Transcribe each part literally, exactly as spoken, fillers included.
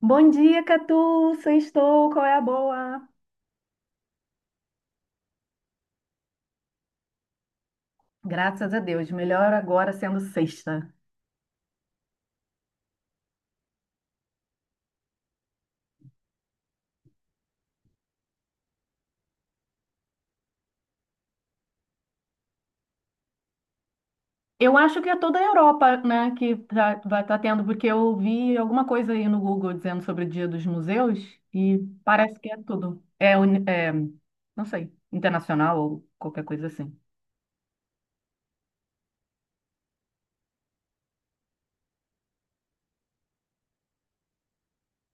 Bom dia, Catu! Sextou, qual é a boa? Graças a Deus, melhor agora sendo sexta. Eu acho que é toda a Europa, né, que tá, vai estar tendo, porque eu vi alguma coisa aí no Google dizendo sobre o Dia dos Museus e parece que é tudo. É, uni- é, não sei, internacional ou qualquer coisa assim.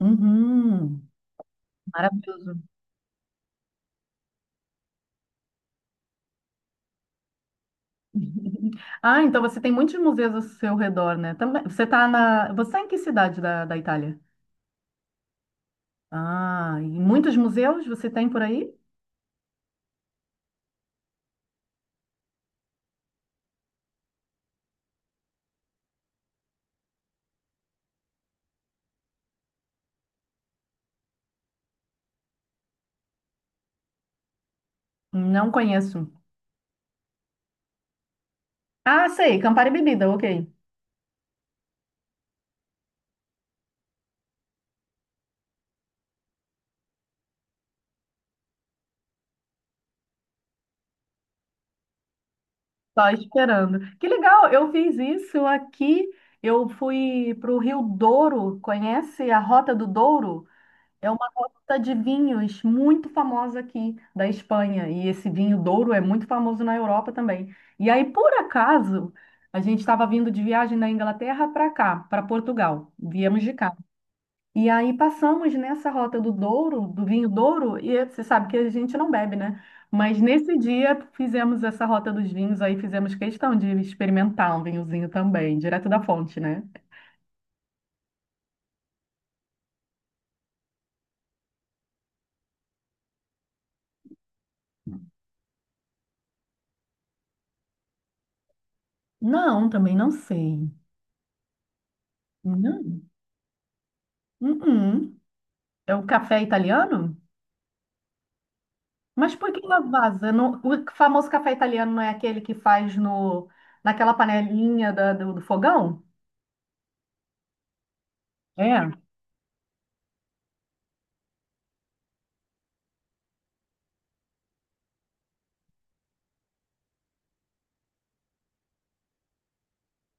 Uhum, maravilhoso. Ah, então você tem muitos museus ao seu redor, né? Também, você tá na, você tá em que cidade da, da Itália? Ah, e muitos museus você tem por aí? Não conheço. Ah, sei, Campari Bebida, ok. Só esperando. Que legal, eu fiz isso aqui. Eu fui para o Rio Douro, conhece a Rota do Douro? É uma rota de vinhos muito famosa aqui da Espanha. E esse vinho Douro é muito famoso na Europa também. E aí, por acaso, a gente estava vindo de viagem da Inglaterra para cá, para Portugal. Viemos de carro. E aí passamos nessa rota do Douro, do vinho Douro, e é, você sabe que a gente não bebe, né? Mas nesse dia fizemos essa rota dos vinhos, aí fizemos questão de experimentar um vinhozinho também, direto da fonte, né? Não, também não sei. Não. Uhum. É o café italiano? Mas por que na Não- o famoso café italiano não é aquele que faz no, naquela panelinha da- do do fogão? É.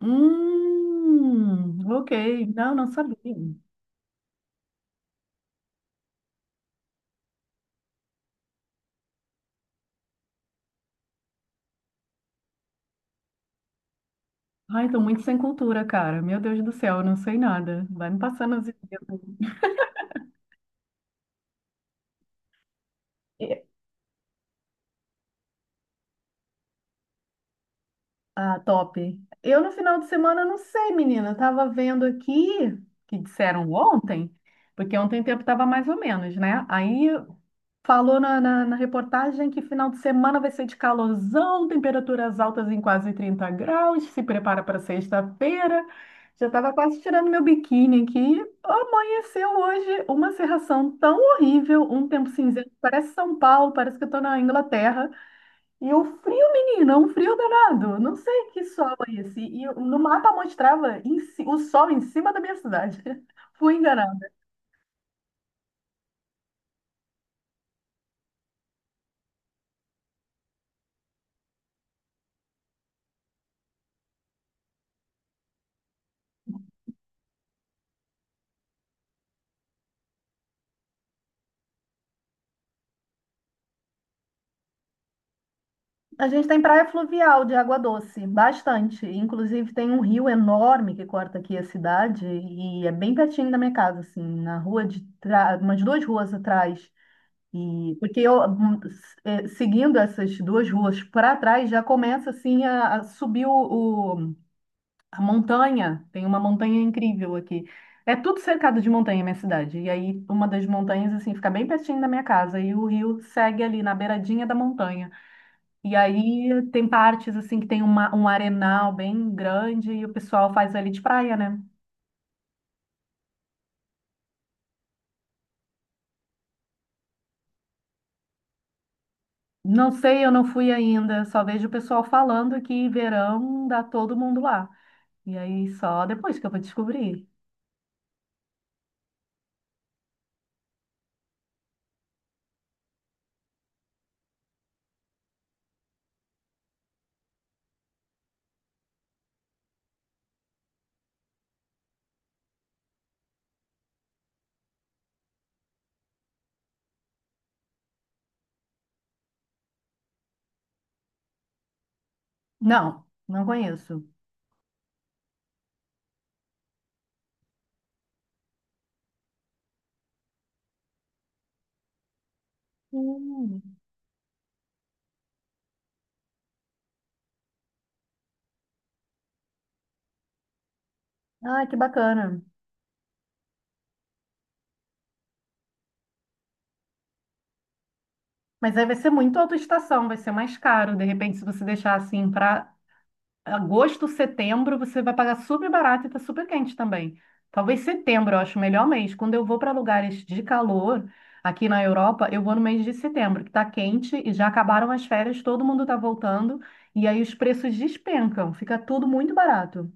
Hum, ok. Não, não sabia. Ai, tô muito sem cultura, cara. Meu Deus do céu, eu não sei nada. Vai me passando as ideias. Ah, top. Eu no final de semana não sei, menina. Eu tava vendo aqui que disseram ontem, porque ontem o tempo tava mais ou menos, né? Aí falou na, na, na reportagem que final de semana vai ser de calorzão, temperaturas altas em quase trinta graus. Se prepara para sexta-feira. Já tava quase tirando meu biquíni aqui. Amanheceu hoje uma cerração tão horrível, um tempo cinzento. Parece São Paulo, parece que eu tô na Inglaterra. E o frio, menina, um frio danado. Não sei que sol é esse. E no mapa mostrava em ci- o sol em cima da minha cidade. Fui enganada. A gente tem praia fluvial de água doce, bastante. Inclusive tem um rio enorme que corta aqui a cidade e é bem pertinho da minha casa, assim, na rua de trás, umas duas ruas atrás. E porque eu hum, s- eh, seguindo essas duas ruas para trás já começa assim a, a subir o a montanha, tem uma montanha incrível aqui. É tudo cercado de montanha, minha cidade. E aí, uma das montanhas, assim, fica bem pertinho da minha casa. E o rio segue ali na beiradinha da montanha. E aí, tem partes, assim, que tem uma, um arenal bem grande e o pessoal faz ali de praia, né? Não sei, eu não fui ainda. Só vejo o pessoal falando que verão dá todo mundo lá. E aí, só depois que eu vou descobrir. Não, não conheço. Hum. Ai, que bacana. Mas aí vai ser muito autoestação, vai ser mais caro. De repente, se você deixar assim para agosto, setembro, você vai pagar super barato e tá super quente também. Talvez setembro, eu acho o melhor mês. Quando eu vou para lugares de calor aqui na Europa, eu vou no mês de setembro, que tá quente e já acabaram as férias, todo mundo tá voltando e aí os preços despencam, fica tudo muito barato.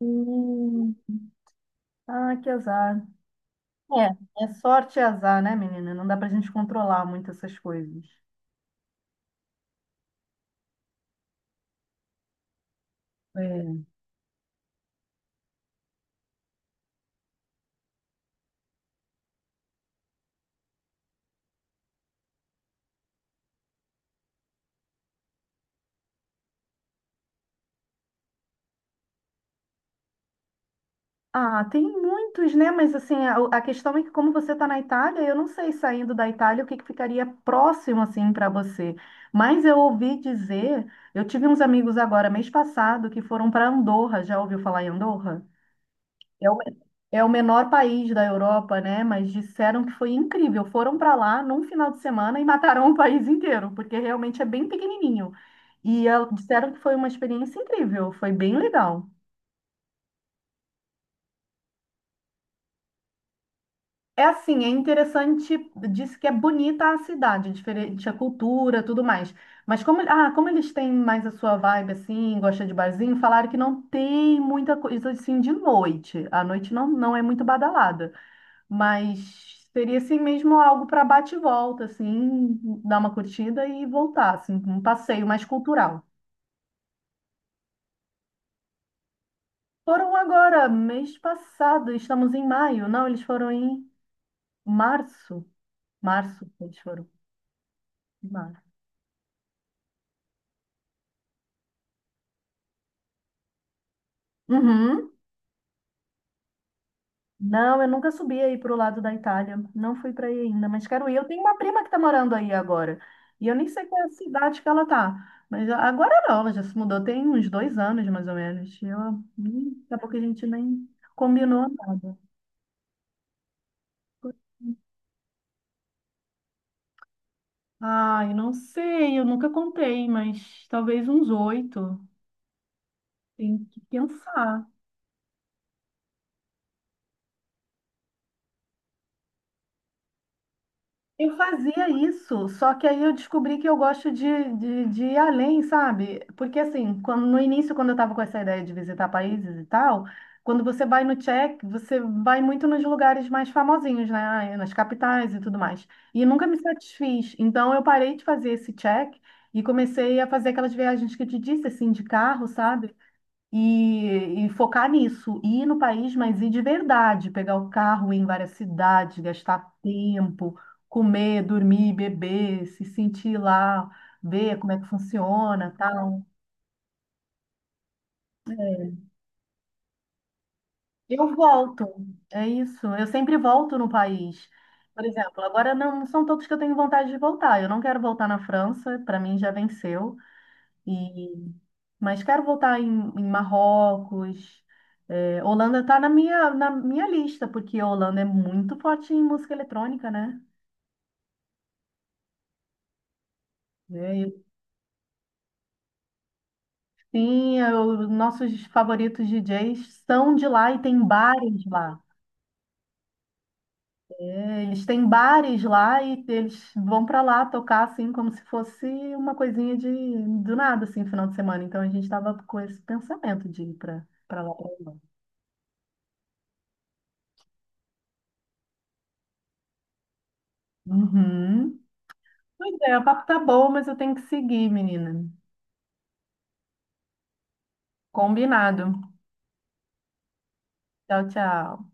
Hum, ah, que azar. É, é sorte e azar, né, menina? Não dá pra gente controlar muito essas coisas. É. Ah, tem muitos, né? Mas assim, a, a questão é que como você está na Itália, eu não sei saindo da Itália o que, que ficaria próximo assim para você. Mas eu ouvi dizer, eu tive uns amigos agora mês passado que foram para Andorra. Já ouviu falar em Andorra? É o, é o menor país da Europa, né? Mas disseram que foi incrível. Foram para lá num final de semana e mataram o país inteiro, porque realmente é bem pequenininho. E ah, disseram que foi uma experiência incrível, foi bem legal. É assim, é interessante, disse que é bonita a cidade, diferente a cultura, tudo mais. Mas como, ah, como eles têm mais a sua vibe assim, gosta de barzinho, falaram que não tem muita coisa assim de noite. A noite não, não é muito badalada, mas seria assim mesmo algo para bate e volta, assim, dar uma curtida e voltar, assim, um passeio mais cultural. Foram agora, mês passado, estamos em maio. Não, eles foram em março. Março, eles foram. Em março. Uhum. Não, eu nunca subi aí para o lado da Itália. Não fui para aí ainda, mas quero ir. Eu tenho uma prima que está morando aí agora. E eu nem sei qual é a cidade que ela tá. Mas agora não, ela já se mudou tem uns dois anos, mais ou menos. E ela, hum, daqui a pouco a gente nem combinou nada. Ai, não sei, eu nunca contei, mas talvez uns oito. Tem que pensar. Eu fazia isso, só que aí eu descobri que eu gosto de, de, de ir além, sabe? Porque assim, quando, no início, quando eu estava com essa ideia de visitar países e tal, quando você vai no Tchek, você vai muito nos lugares mais famosinhos, né? Nas capitais e tudo mais. E nunca me satisfiz. Então eu parei de fazer esse check e comecei a fazer aquelas viagens que eu te disse, assim, de carro, sabe? E, e focar nisso, ir no país, mas ir de verdade, pegar o carro, ir em várias cidades, gastar tempo, comer, dormir, beber, se sentir lá, ver como é que funciona, tal. Eu volto, é isso. Eu sempre volto no país. Por exemplo, agora não são todos que eu tenho vontade de voltar. Eu não quero voltar na França, para mim já venceu. E... Mas quero voltar em, em Marrocos. É, Holanda está na minha, na minha lista, porque a Holanda é muito forte em música eletrônica, né? É, eu- Sim, é, os nossos favoritos D Js são de lá e tem bares lá. É, eles têm bares lá e eles vão para lá tocar assim como se fosse uma coisinha de do nada assim, final de semana. Então a gente estava com esse pensamento de ir para para lá. Pra lá. Uhum. Pois é, o papo tá bom, mas eu tenho que seguir, menina. Combinado. Tchau, tchau.